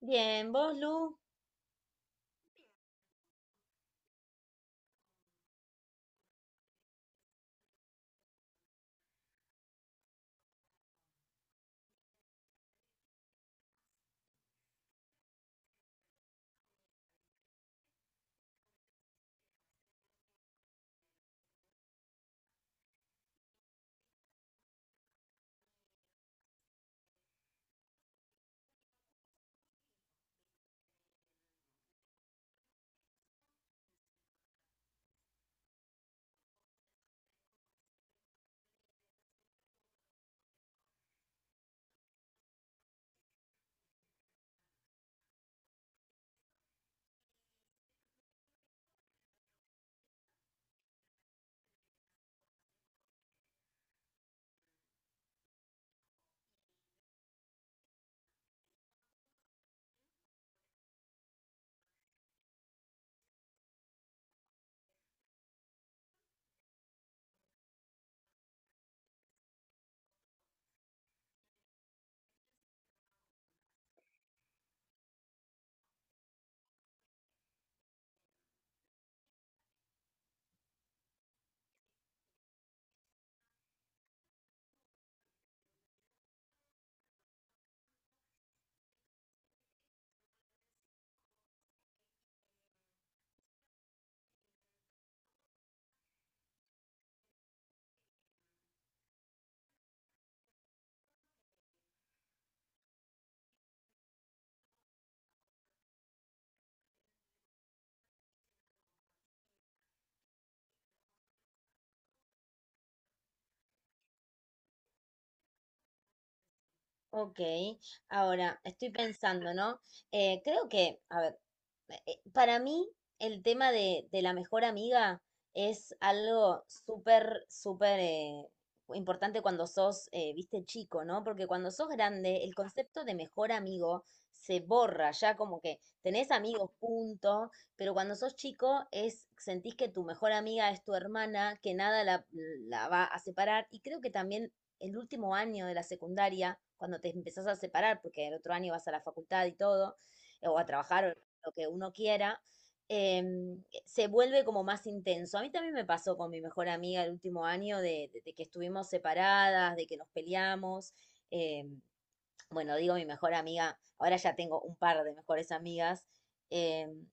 Bien, vos, Lu. Ok. Ahora, estoy pensando, ¿no? Creo que, a ver, para mí el tema de, la mejor amiga es algo súper, súper, importante cuando sos, viste, chico, ¿no? Porque cuando sos grande, el concepto de mejor amigo se borra, ya como que tenés amigos, punto, pero cuando sos chico es, sentís que tu mejor amiga es tu hermana, que nada la va a separar, y creo que también el último año de la secundaria, cuando te empezás a separar, porque el otro año vas a la facultad y todo, o a trabajar, o lo que uno quiera, se vuelve como más intenso. A mí también me pasó con mi mejor amiga el último año de que estuvimos separadas, de que nos peleamos. em, bueno, digo mi mejor amiga, ahora ya tengo un par de mejores amigas. em,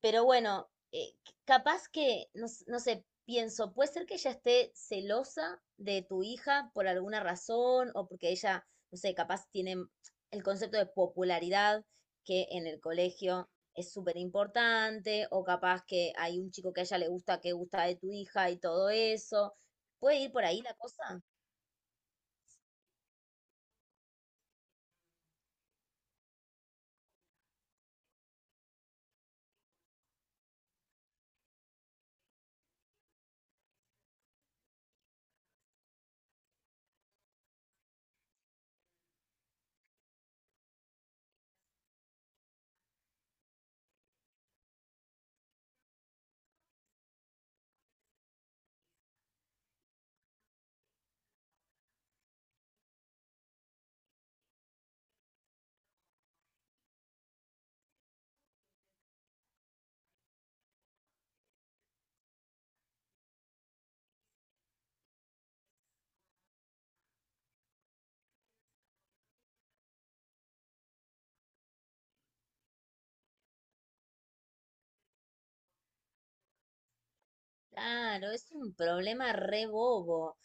pero bueno, capaz que, no, no sé, pienso, puede ser que ella esté celosa de tu hija por alguna razón o porque ella, no sé, capaz tiene el concepto de popularidad que en el colegio es súper importante, o capaz que hay un chico que a ella le gusta, que gusta de tu hija y todo eso. ¿Puede ir por ahí la cosa? Claro, es un problema re bobo.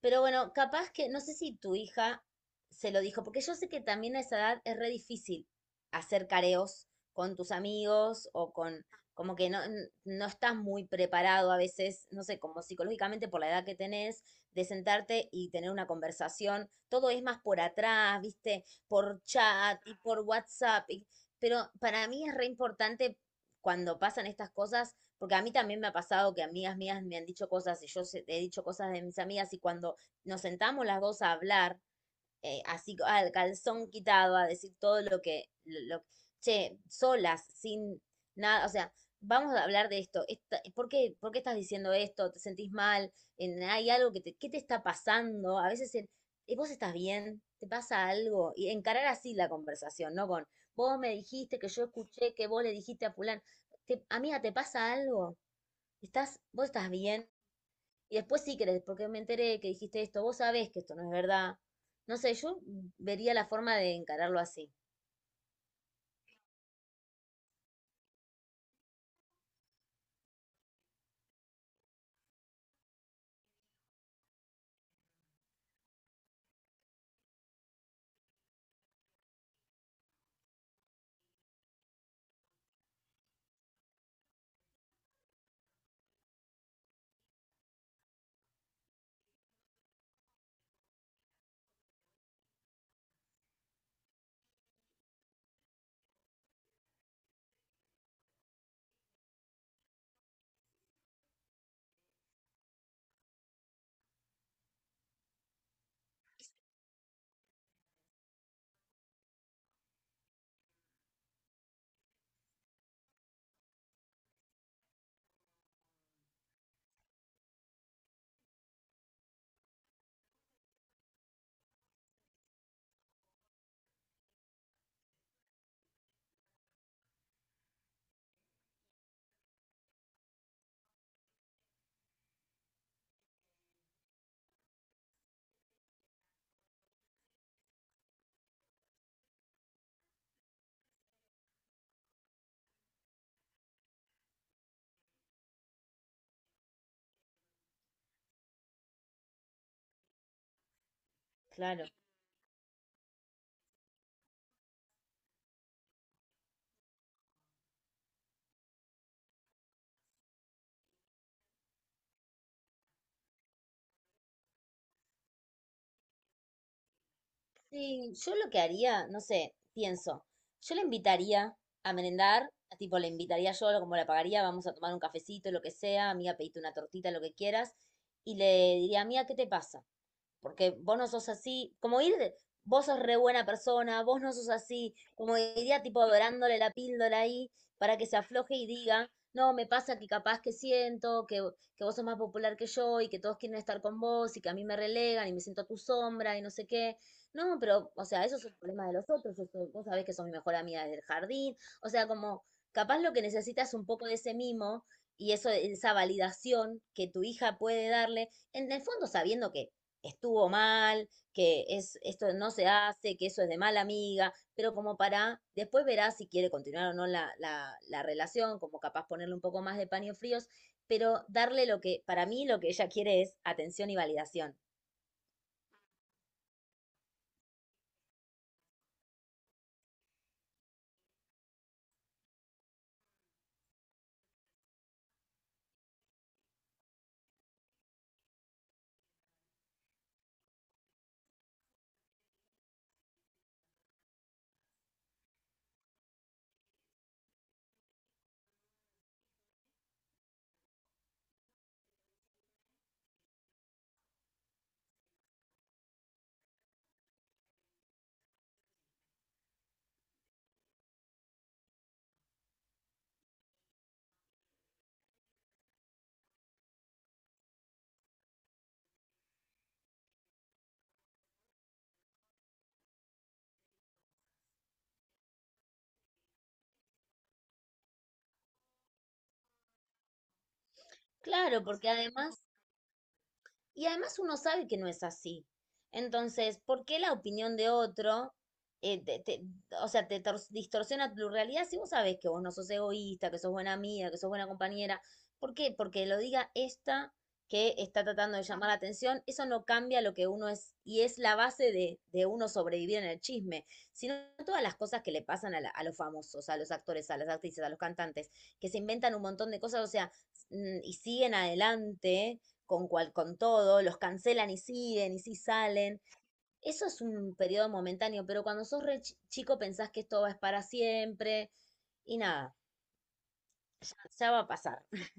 Pero bueno, capaz que, no sé si tu hija se lo dijo, porque yo sé que también a esa edad es re difícil hacer careos con tus amigos o con, como que no, no estás muy preparado a veces, no sé, como psicológicamente por la edad que tenés, de sentarte y tener una conversación. Todo es más por atrás, ¿viste? Por chat y por WhatsApp. Pero para mí es re importante cuando pasan estas cosas, porque a mí también me ha pasado que amigas mías me han dicho cosas y yo he dicho cosas de mis amigas, y cuando nos sentamos las dos a hablar, así co- al calzón quitado, a decir todo lo que. Che, solas, sin nada, o sea, vamos a hablar de esto, por qué estás diciendo esto? ¿Te sentís mal? ¿Hay algo que te, qué te está pasando? A veces el, vos estás bien, te pasa algo", y encarar así la conversación, ¿no? Con, vos me dijiste, que yo escuché que vos le dijiste a fulano, te, amiga, ¿te pasa algo? Estás, vos estás bien. Y después sí crees, porque me enteré que dijiste esto, vos sabés que esto no es verdad. No sé, yo vería la forma de encararlo así. Claro. Sí, yo lo que haría, no sé, pienso, yo la invitaría a merendar, tipo, la invitaría yo, como la pagaría, vamos a tomar un cafecito, lo que sea, amiga, pedite una tortita, lo que quieras, y le diría, amiga, ¿qué te pasa? Porque vos no sos así, como ir, vos sos re buena persona, vos no sos así, como iría tipo dorándole la píldora ahí para que se afloje y diga, no, me pasa que capaz que siento que vos sos más popular que yo y que todos quieren estar con vos y que a mí me relegan y me siento a tu sombra y no sé qué. No, pero, o sea, eso es un problema de los otros, vos sabés que sos mi mejor amiga del jardín, o sea, como capaz lo que necesitas es un poco de ese mimo y eso, esa validación que tu hija puede darle, en el fondo sabiendo que estuvo mal, que es, esto no se hace, que eso es de mala amiga, pero como para, después verá si quiere continuar o no la relación, como capaz ponerle un poco más de paños fríos, pero darle lo que, para mí lo que ella quiere es atención y validación. Claro, porque además. Y además uno sabe que no es así. Entonces, ¿por qué la opinión de otro, eh, te- te- o sea, te distorsiona tu realidad si vos sabés que vos no sos egoísta, que sos buena amiga, que sos buena compañera? ¿Por qué? Porque lo diga esta que está tratando de llamar la atención, eso no cambia lo que uno es, y es la base de uno sobrevivir en el chisme, sino todas las cosas que le pasan a, a los famosos, a los actores, a las actrices, a los cantantes, que se inventan un montón de cosas, o sea, y siguen adelante con, cual, con todo, los cancelan y siguen y sí salen. Eso es un periodo momentáneo, pero cuando sos re chico pensás que esto va a es para siempre y nada, ya, ya va a pasar.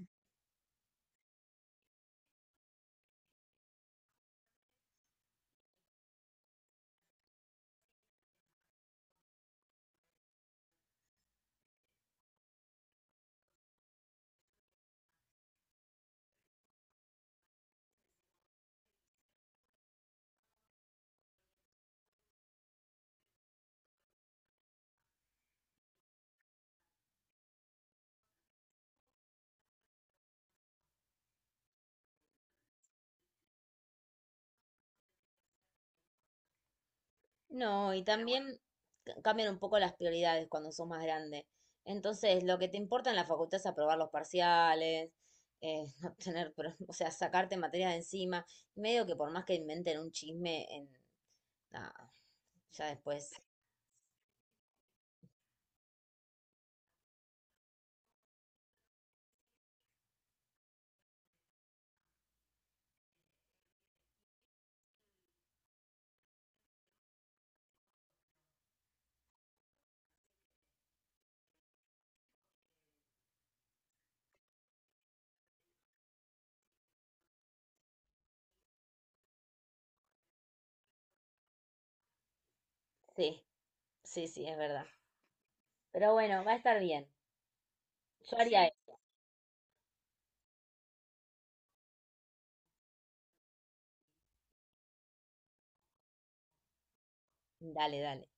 No, y también cambian un poco las prioridades cuando sos más grande. Entonces, lo que te importa en la facultad es aprobar los parciales, no tener, o sea, sacarte materias de encima. Medio que por más que inventen un chisme, en, nada, ya después. Sí, sí, sí, es verdad. Pero bueno, va a estar bien. Yo haría eso. Dale, dale.